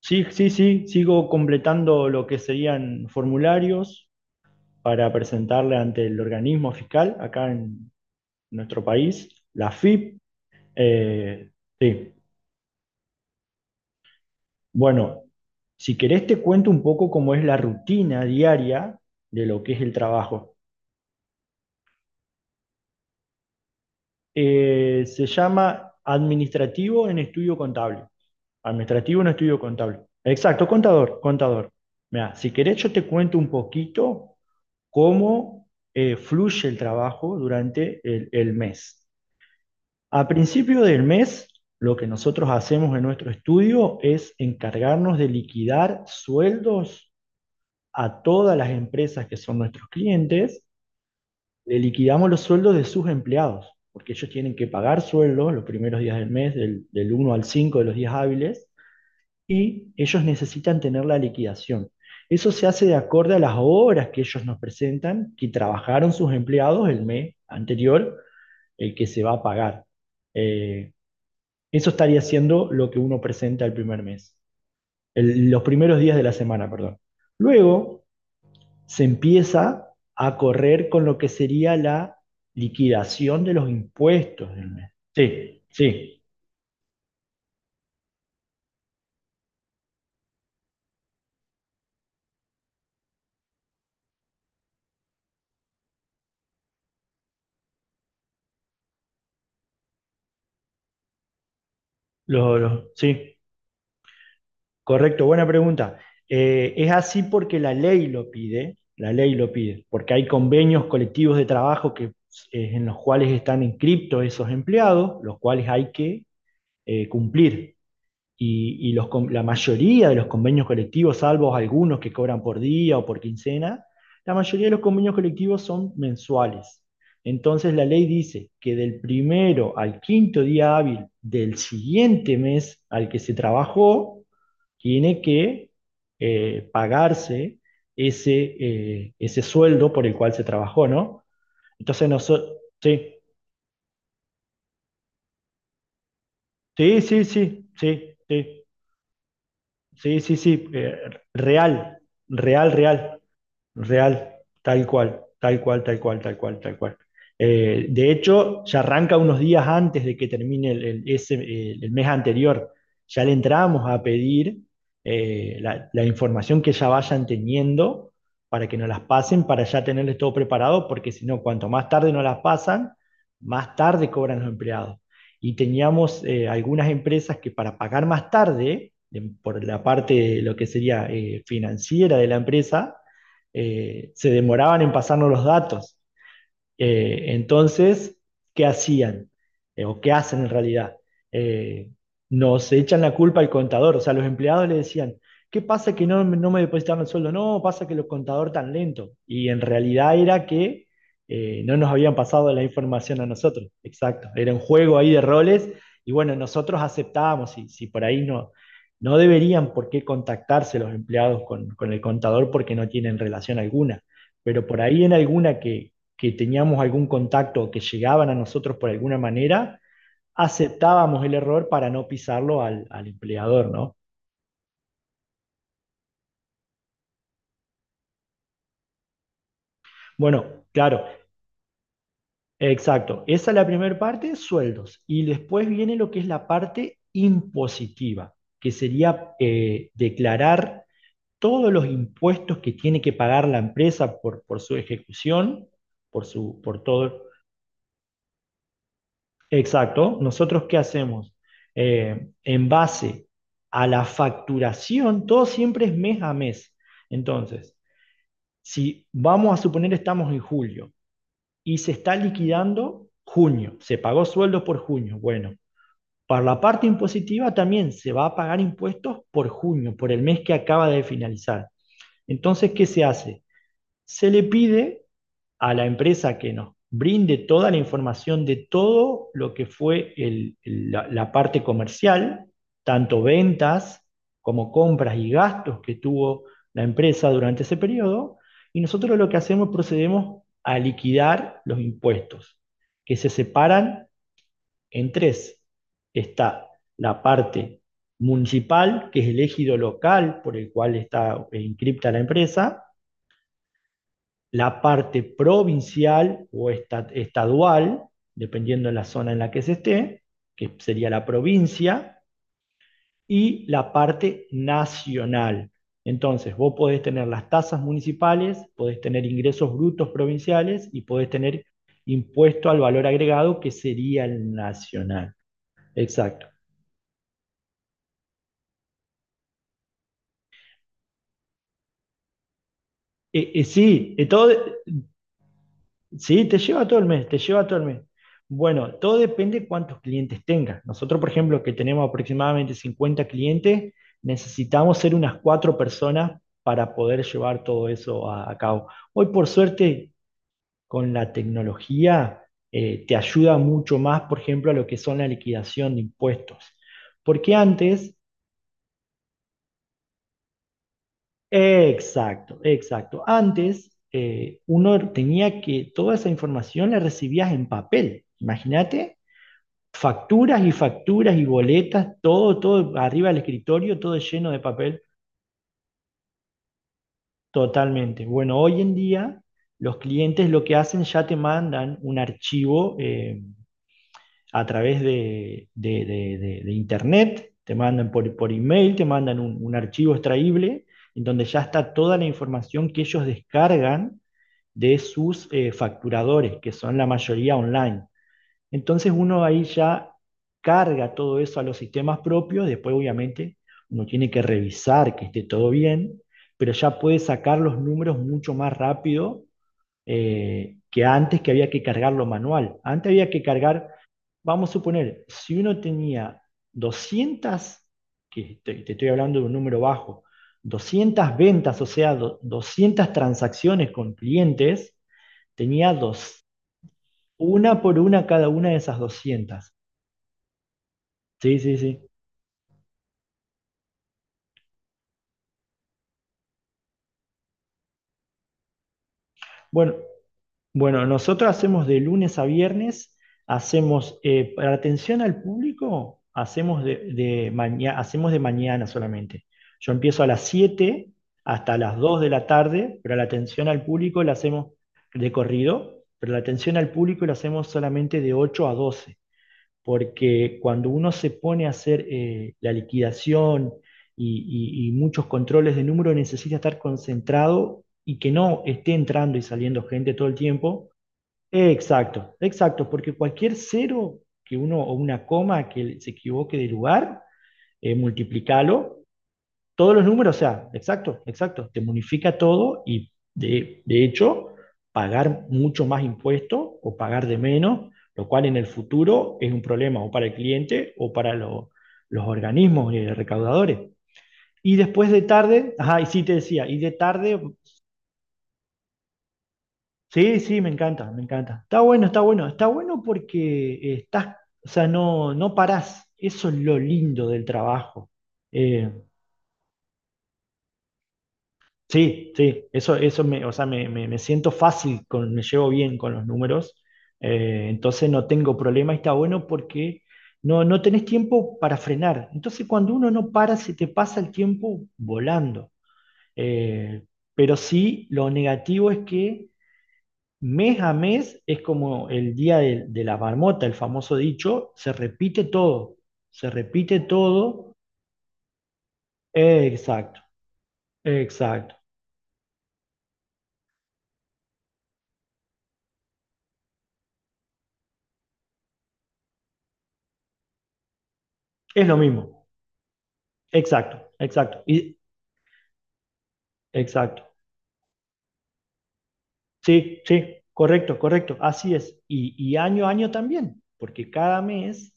Sí, sí, sí, sigo completando lo que serían formularios para presentarle ante el organismo fiscal acá en nuestro país, la FIP. Eh, sí, bueno, si querés te cuento un poco cómo es la rutina diaria de lo que es el trabajo. Se llama administrativo en estudio contable. Administrativo no estudio contable. Exacto, contador, contador. Mira, si querés yo te cuento un poquito cómo fluye el trabajo durante el mes. A principio del mes, lo que nosotros hacemos en nuestro estudio es encargarnos de liquidar sueldos a todas las empresas que son nuestros clientes. Le liquidamos los sueldos de sus empleados, porque ellos tienen que pagar sueldos los primeros días del mes, del 1 al 5 de los días hábiles y ellos necesitan tener la liquidación. Eso se hace de acuerdo a las horas que ellos nos presentan, que trabajaron sus empleados el mes anterior, el que se va a pagar. Eh, Eso estaría siendo lo que uno presenta el primer mes, los primeros días de la semana, perdón. Luego se empieza a correr con lo que sería la liquidación de los impuestos del mes. Sí, sí, sí. Correcto, buena pregunta. Es así porque la ley lo pide, la ley lo pide, porque hay convenios colectivos de trabajo que, en los cuales están inscriptos esos empleados, los cuales hay que cumplir. Y la mayoría de los convenios colectivos, salvo algunos que cobran por día o por quincena, la mayoría de los convenios colectivos son mensuales. Entonces la ley dice que del primero al quinto día hábil del siguiente mes al que se trabajó, tiene que pagarse ese, ese sueldo por el cual se trabajó, ¿no? Entonces nosotros, sí, sí, sí, sí, sí, sí, sí, sí, sí, real, real, real. Real, tal cual, tal cual, tal cual, tal cual, tal cual. De hecho, ya arranca unos días antes de que termine el mes anterior. Ya le entramos a pedir la información que ya vayan teniendo para que nos las pasen, para ya tenerles todo preparado, porque si no, cuanto más tarde nos las pasan, más tarde cobran los empleados. Y teníamos algunas empresas que para pagar más tarde, por la parte de lo que sería financiera de la empresa, se demoraban en pasarnos los datos. Entonces, ¿qué hacían? ¿O qué hacen en realidad? Eh, Nos echan la culpa al contador, o sea, los empleados le decían, ¿qué pasa que no me depositaron el sueldo? No, pasa que los contador tan lento. Y en realidad era que no nos habían pasado la información a nosotros. Exacto, era un juego ahí de roles y bueno, nosotros aceptábamos y si por ahí no, no deberían por qué contactarse los empleados con el contador porque no tienen relación alguna, pero por ahí en alguna que teníamos algún contacto que llegaban a nosotros por alguna manera, aceptábamos el error para no pisarlo al empleador, ¿no? Bueno, claro, exacto. Esa es la primera parte, sueldos. Y después viene lo que es la parte impositiva, que sería declarar todos los impuestos que tiene que pagar la empresa por su ejecución, por todo. Exacto. ¿Nosotros qué hacemos? En base a la facturación, todo siempre es mes a mes. Entonces, si vamos a suponer estamos en julio y se está liquidando junio, se pagó sueldos por junio, bueno, para la parte impositiva también se va a pagar impuestos por junio, por el mes que acaba de finalizar. Entonces, ¿qué se hace? Se le pide a la empresa que nos brinde toda la información de todo lo que fue la parte comercial, tanto ventas como compras y gastos que tuvo la empresa durante ese periodo, y nosotros lo que hacemos procedemos a liquidar los impuestos, que se separan en tres. Está la parte municipal, que es el ejido local por el cual está inscripta la empresa, la parte provincial o estadual, dependiendo de la zona en la que se esté, que sería la provincia, y la parte nacional. Entonces, vos podés tener las tasas municipales, podés tener ingresos brutos provinciales y podés tener impuesto al valor agregado, que sería el nacional. Exacto. Sí, todo. Sí, te lleva todo el mes, te lleva todo el mes. Bueno, todo depende cuántos clientes tengas. Nosotros, por ejemplo, que tenemos aproximadamente 50 clientes, necesitamos ser unas cuatro personas para poder llevar todo eso a cabo. Hoy, por suerte, con la tecnología, te ayuda mucho más, por ejemplo, a lo que son la liquidación de impuestos. Porque antes, exacto, exacto, antes uno tenía que, toda esa información la recibías en papel, imagínate. Facturas y facturas y boletas, todo, todo arriba del escritorio, todo lleno de papel, totalmente. Bueno, hoy en día los clientes lo que hacen ya te mandan un archivo a través de internet, te mandan por email, te mandan un archivo extraíble en donde ya está toda la información que ellos descargan de sus facturadores, que son la mayoría online. Entonces uno ahí ya carga todo eso a los sistemas propios, después obviamente uno tiene que revisar que esté todo bien, pero ya puede sacar los números mucho más rápido que antes que había que cargarlo manual. Antes había que cargar, vamos a suponer, si uno tenía 200, que te estoy hablando de un número bajo, 200 ventas, o sea, 200 transacciones con clientes, tenía dos, una por una cada una de esas 200. Sí, sí, sí. Bueno, bueno, nosotros hacemos de lunes a viernes, hacemos, para atención al público, hacemos de mañana, hacemos de mañana solamente. Yo empiezo a las 7 hasta las 2 de la tarde, pero la atención al público la hacemos de corrido, pero la atención al público la hacemos solamente de 8 a 12. Porque cuando uno se pone a hacer la liquidación y muchos controles de número, necesita estar concentrado y que no esté entrando y saliendo gente todo el tiempo. Exacto, exacto, porque cualquier cero que uno o una coma que se equivoque de lugar, multiplicalo todos los números, o sea, exacto, exacto, te bonifica todo y de hecho pagar mucho más impuesto o pagar de menos, lo cual en el futuro es un problema o para el cliente o para los organismos recaudadores. Y después de tarde, ajá, y sí te decía, y de tarde, sí, sí, me encanta, me encanta. Está bueno, está bueno, está bueno porque estás, o sea, no parás, eso es lo lindo del trabajo. Eh, Sí, sí, eso me, o sea, me siento fácil, me llevo bien con los números, entonces no tengo problema, y está bueno porque no tenés tiempo para frenar. Entonces cuando uno no para, se te pasa el tiempo volando. Eh, pero sí, lo negativo es que mes a mes es como el día de la marmota, el famoso dicho, se repite todo, exacto, exacto, es lo mismo. Exacto, exacto. Exacto. Sí, sí, correcto, correcto. Así es. Y año a año también, porque cada mes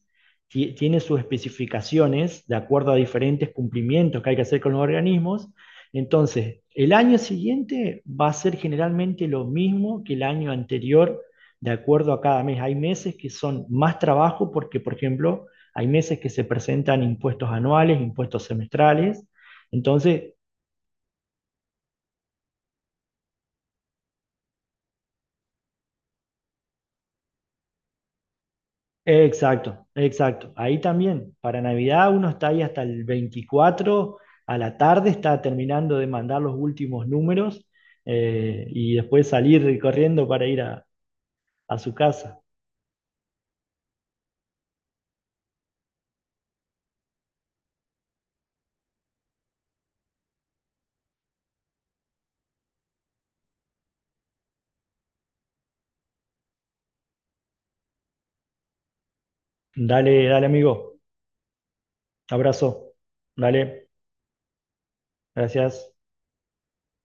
tiene sus especificaciones de acuerdo a diferentes cumplimientos que hay que hacer con los organismos. Entonces, el año siguiente va a ser generalmente lo mismo que el año anterior de acuerdo a cada mes. Hay meses que son más trabajo porque, por ejemplo, hay meses que se presentan impuestos anuales, impuestos semestrales. Entonces, Exacto, exacto. Ahí también, para Navidad uno está ahí hasta el 24, a la tarde está terminando de mandar los últimos números y después salir corriendo para ir a su casa. Dale, dale amigo, abrazo. Dale, gracias.